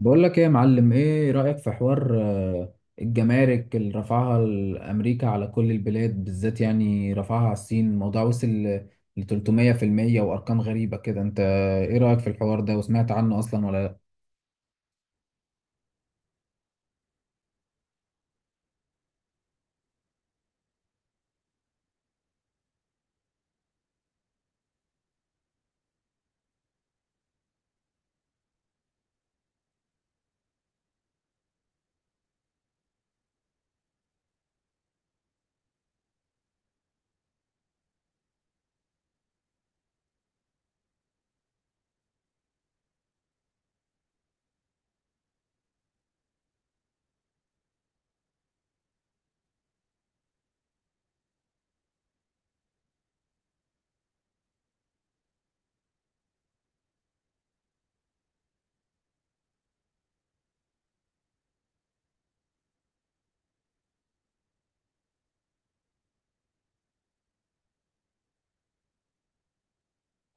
بقول لك ايه يا معلم؟ ايه رأيك في حوار الجمارك اللي رفعها الامريكا على كل البلاد، بالذات يعني رفعها على الصين. الموضوع وصل ل 300% وارقام غريبة كده. انت ايه رأيك في الحوار ده؟ وسمعت عنه اصلا ولا؟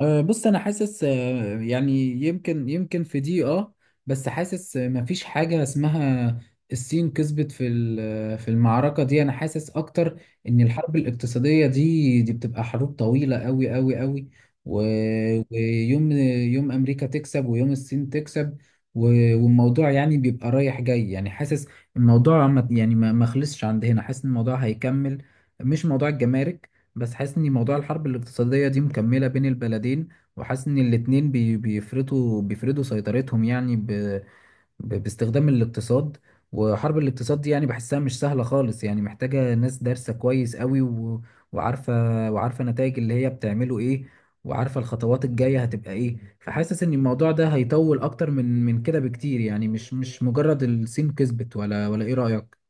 أه، بص انا حاسس، يعني يمكن في دي، بس حاسس، مفيش حاجة اسمها الصين كسبت في في المعركة دي. انا حاسس اكتر ان الحرب الاقتصادية دي بتبقى حروب طويلة قوي قوي قوي، و- ويوم امريكا تكسب ويوم الصين تكسب، والموضوع يعني بيبقى رايح جاي. يعني حاسس الموضوع يعني ما خلصش عند هنا. حاسس ان الموضوع هيكمل، مش موضوع الجمارك، بس حاسس ان موضوع الحرب الاقتصادية دي مكملة بين البلدين. وحاسس ان الاتنين بيفرضوا سيطرتهم يعني باستخدام الاقتصاد. وحرب الاقتصاد دي يعني بحسها مش سهلة خالص، يعني محتاجة ناس دارسة كويس قوي وعارفة وعارفة نتائج اللي هي بتعمله ايه، وعارفة الخطوات الجاية هتبقى ايه. فحاسس ان الموضوع ده هيطول اكتر من كده بكتير، يعني مش مجرد الصين كسبت ولا ايه رأيك.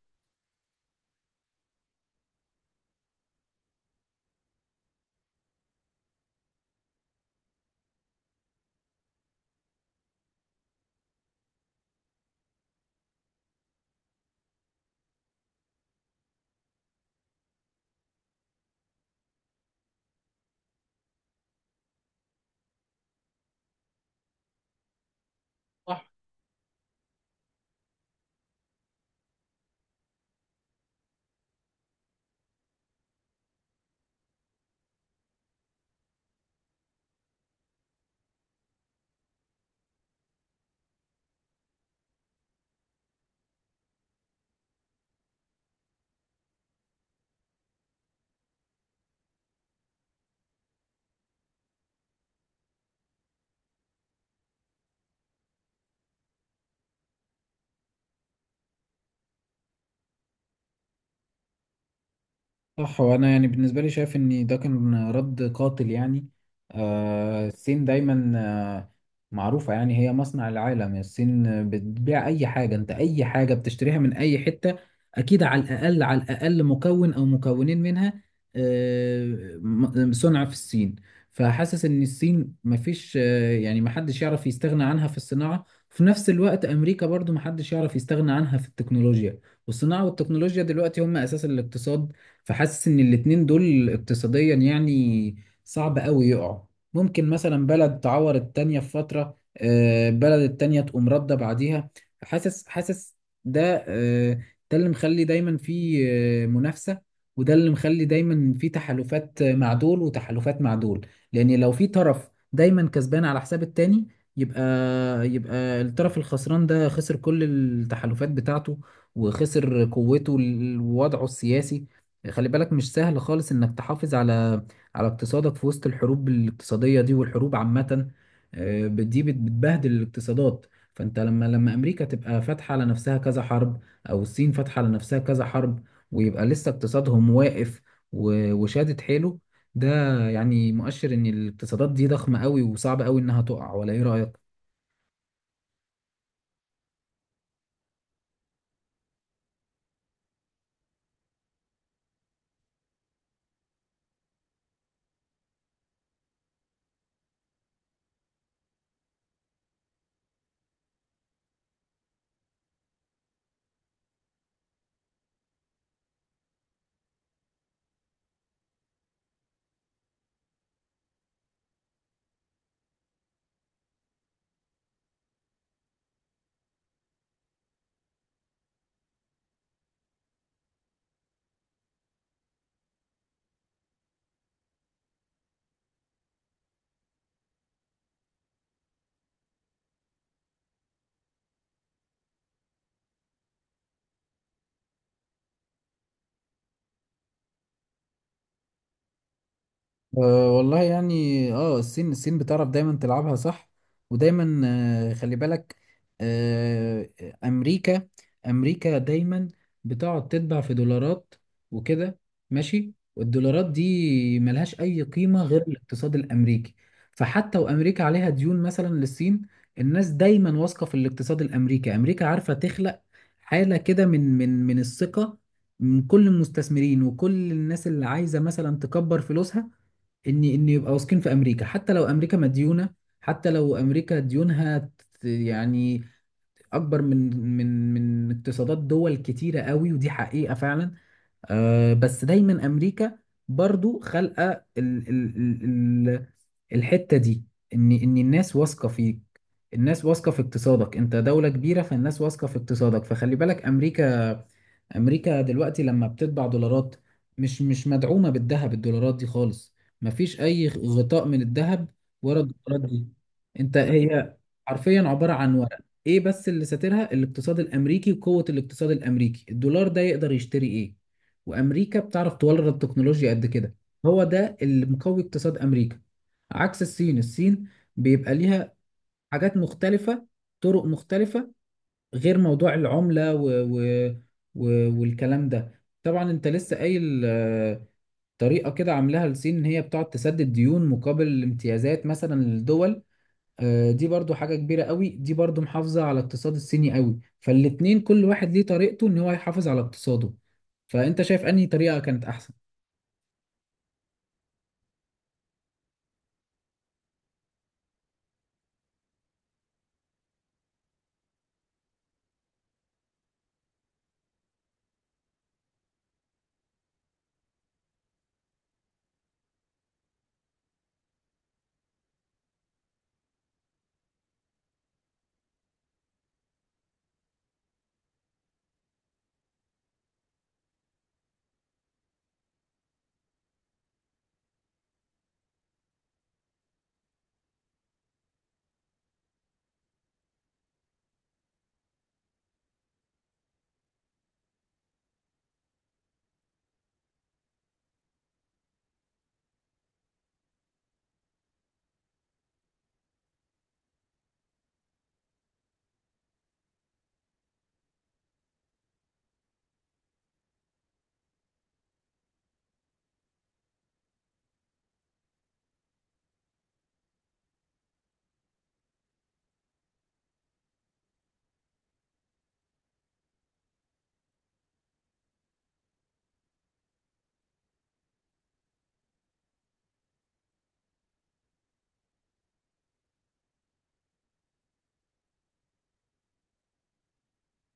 صح، وانا يعني بالنسبه لي شايف ان ده كان رد قاتل. يعني الصين دايما معروفه، يعني هي مصنع العالم. الصين بتبيع اي حاجه. انت اي حاجه بتشتريها من اي حته، اكيد على الاقل على الاقل مكون او مكونين منها آه صنع في الصين. فحاسس ان الصين مفيش، يعني محدش يعرف يستغنى عنها في الصناعه. في نفس الوقت امريكا برضو محدش يعرف يستغنى عنها في التكنولوجيا، والصناعه والتكنولوجيا دلوقتي هم اساس الاقتصاد. فحاسس ان الاتنين دول اقتصاديا يعني صعب قوي يقعوا. ممكن مثلا بلد تعور التانية في فترة، بلد التانية تقوم ردة بعديها. حاسس ده آه، ده اللي مخلي دايما في منافسة، وده اللي مخلي دايما في تحالفات مع دول وتحالفات مع دول. لان لو في طرف دايما كسبان على حساب التاني، يبقى يبقى الطرف الخسران ده خسر كل التحالفات بتاعته، وخسر قوته ووضعه السياسي. خلي بالك، مش سهل خالص انك تحافظ على اقتصادك في وسط الحروب الاقتصادية دي، والحروب عامة دي بتبهدل الاقتصادات. فانت لما امريكا تبقى فاتحة على نفسها كذا حرب، او الصين فاتحة على نفسها كذا حرب، ويبقى لسه اقتصادهم واقف وشادد حيله، ده يعني مؤشر ان الاقتصادات دي ضخمة قوي وصعب قوي انها تقع. ولا ايه رأيك؟ أه، والله يعني الصين بتعرف دايما تلعبها صح، ودايما خلي بالك. آه، امريكا امريكا دايما بتقعد تتبع في دولارات وكده، ماشي. والدولارات دي ملهاش اي قيمة غير الاقتصاد الامريكي. فحتى وامريكا عليها ديون مثلا للصين، الناس دايما واثقة في الاقتصاد الامريكي. امريكا عارفة تخلق حالة كده من الثقة، من كل المستثمرين وكل الناس اللي عايزة مثلا تكبر فلوسها، ان يبقى واثقين في امريكا. حتى لو امريكا مديونه، حتى لو امريكا ديونها يعني اكبر من اقتصادات دول كتيره قوي، ودي حقيقه فعلا. بس دايما امريكا برضو خلقه ال- الحته دي، ان الناس واثقه فيك. الناس واثقه في اقتصادك، انت دوله كبيره، فالناس واثقه في اقتصادك. فخلي بالك، امريكا دلوقتي لما بتطبع دولارات مش مدعومه بالذهب، الدولارات دي خالص مفيش اي غطاء من الذهب ورا الدولارات دي. انت هي حرفيا عباره عن ورق. ايه بس اللي ساترها؟ الاقتصاد الامريكي وقوه الاقتصاد الامريكي. الدولار ده يقدر يشتري ايه، وامريكا بتعرف تورد تكنولوجيا قد كده. هو ده اللي مقوي اقتصاد امريكا، عكس الصين. الصين بيبقى ليها حاجات مختلفة، طرق مختلفة، غير موضوع العملة و... والكلام ده. طبعا انت لسه قايل طريقة كده عاملاها الصين ان هي بتقعد تسدد ديون مقابل امتيازات مثلا للدول. دي برضو حاجة كبيرة قوي، دي برضو محافظة على الاقتصاد الصيني قوي. فالاتنين كل واحد ليه طريقته ان هو يحافظ على اقتصاده. فانت شايف انهي طريقة كانت احسن؟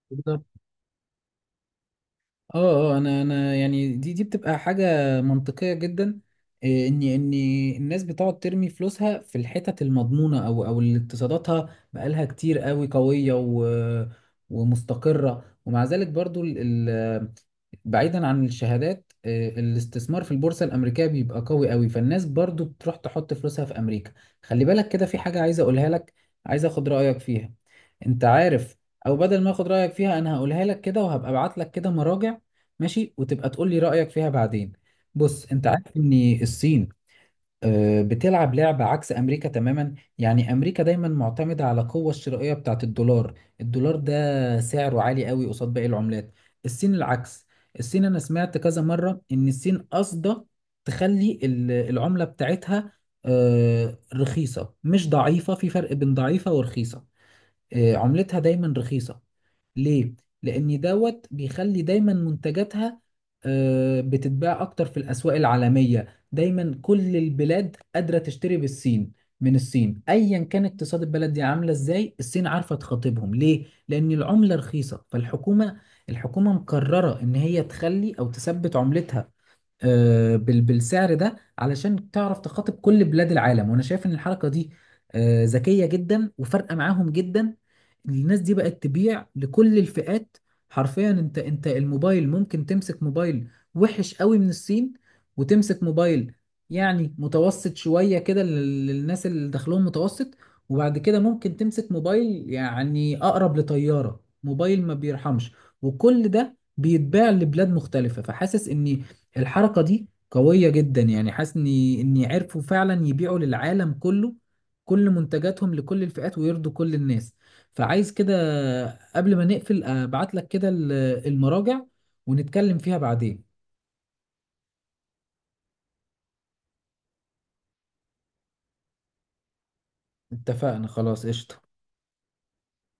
كده، اه، اه، انا يعني دي بتبقى حاجه منطقيه جدا. إيه، ان الناس بتقعد ترمي فلوسها في الحتت المضمونه، او اللي اقتصاداتها بقالها كتير قوي قويه، و ومستقره. ومع ذلك برضو، ال ال بعيدا عن الشهادات، الاستثمار في البورصة الأمريكية بيبقى قوي قوي، فالناس برضو بتروح تحط فلوسها في أمريكا. خلي بالك، كده في حاجة عايز أقولها لك، عايز أخد رأيك فيها، أنت عارف. أو بدل ما أخد رأيك فيها، أنا هقولها لك كده، وهبقى أبعت لك كده مراجع ماشي، وتبقى تقول لي رأيك فيها بعدين. بص، انت عارف ان الصين بتلعب لعبة عكس امريكا تماما. يعني امريكا دايما معتمدة على القوة الشرائية بتاعت الدولار، الدولار ده سعره عالي قوي قصاد باقي العملات. الصين العكس. الصين انا سمعت كذا مرة ان الصين قاصدة تخلي العملة بتاعتها رخيصة، مش ضعيفة. في فرق بين ضعيفة ورخيصة. عملتها دايما رخيصة. ليه؟ لأن دوت بيخلي دايما منتجاتها بتتباع أكتر في الأسواق العالمية. دايما كل البلاد قادرة تشتري بالصين، من الصين، أيا كان اقتصاد البلد دي عاملة إزاي، الصين عارفة تخاطبهم. ليه؟ لأن العملة رخيصة، فالحكومة، مقررة إن هي تخلي أو تثبت عملتها بالسعر ده علشان تعرف تخاطب كل بلاد العالم. وانا شايف ان الحركه دي ذكيه جدا وفارقه معاهم جدا. الناس دي بقت تبيع لكل الفئات. حرفيا، انت، الموبايل ممكن تمسك موبايل وحش قوي من الصين، وتمسك موبايل يعني متوسط شويه كده للناس اللي دخلهم متوسط، وبعد كده ممكن تمسك موبايل يعني اقرب لطياره، موبايل ما بيرحمش. وكل ده بيتباع لبلاد مختلفة. فحاسس ان الحركة دي قوية جدا، يعني حاسس ان عرفوا فعلا يبيعوا للعالم كله، كل منتجاتهم لكل الفئات، ويرضوا كل الناس. فعايز كده قبل ما نقفل ابعت لك كده المراجع، ونتكلم فيها بعدين. اتفقنا، خلاص قشطة.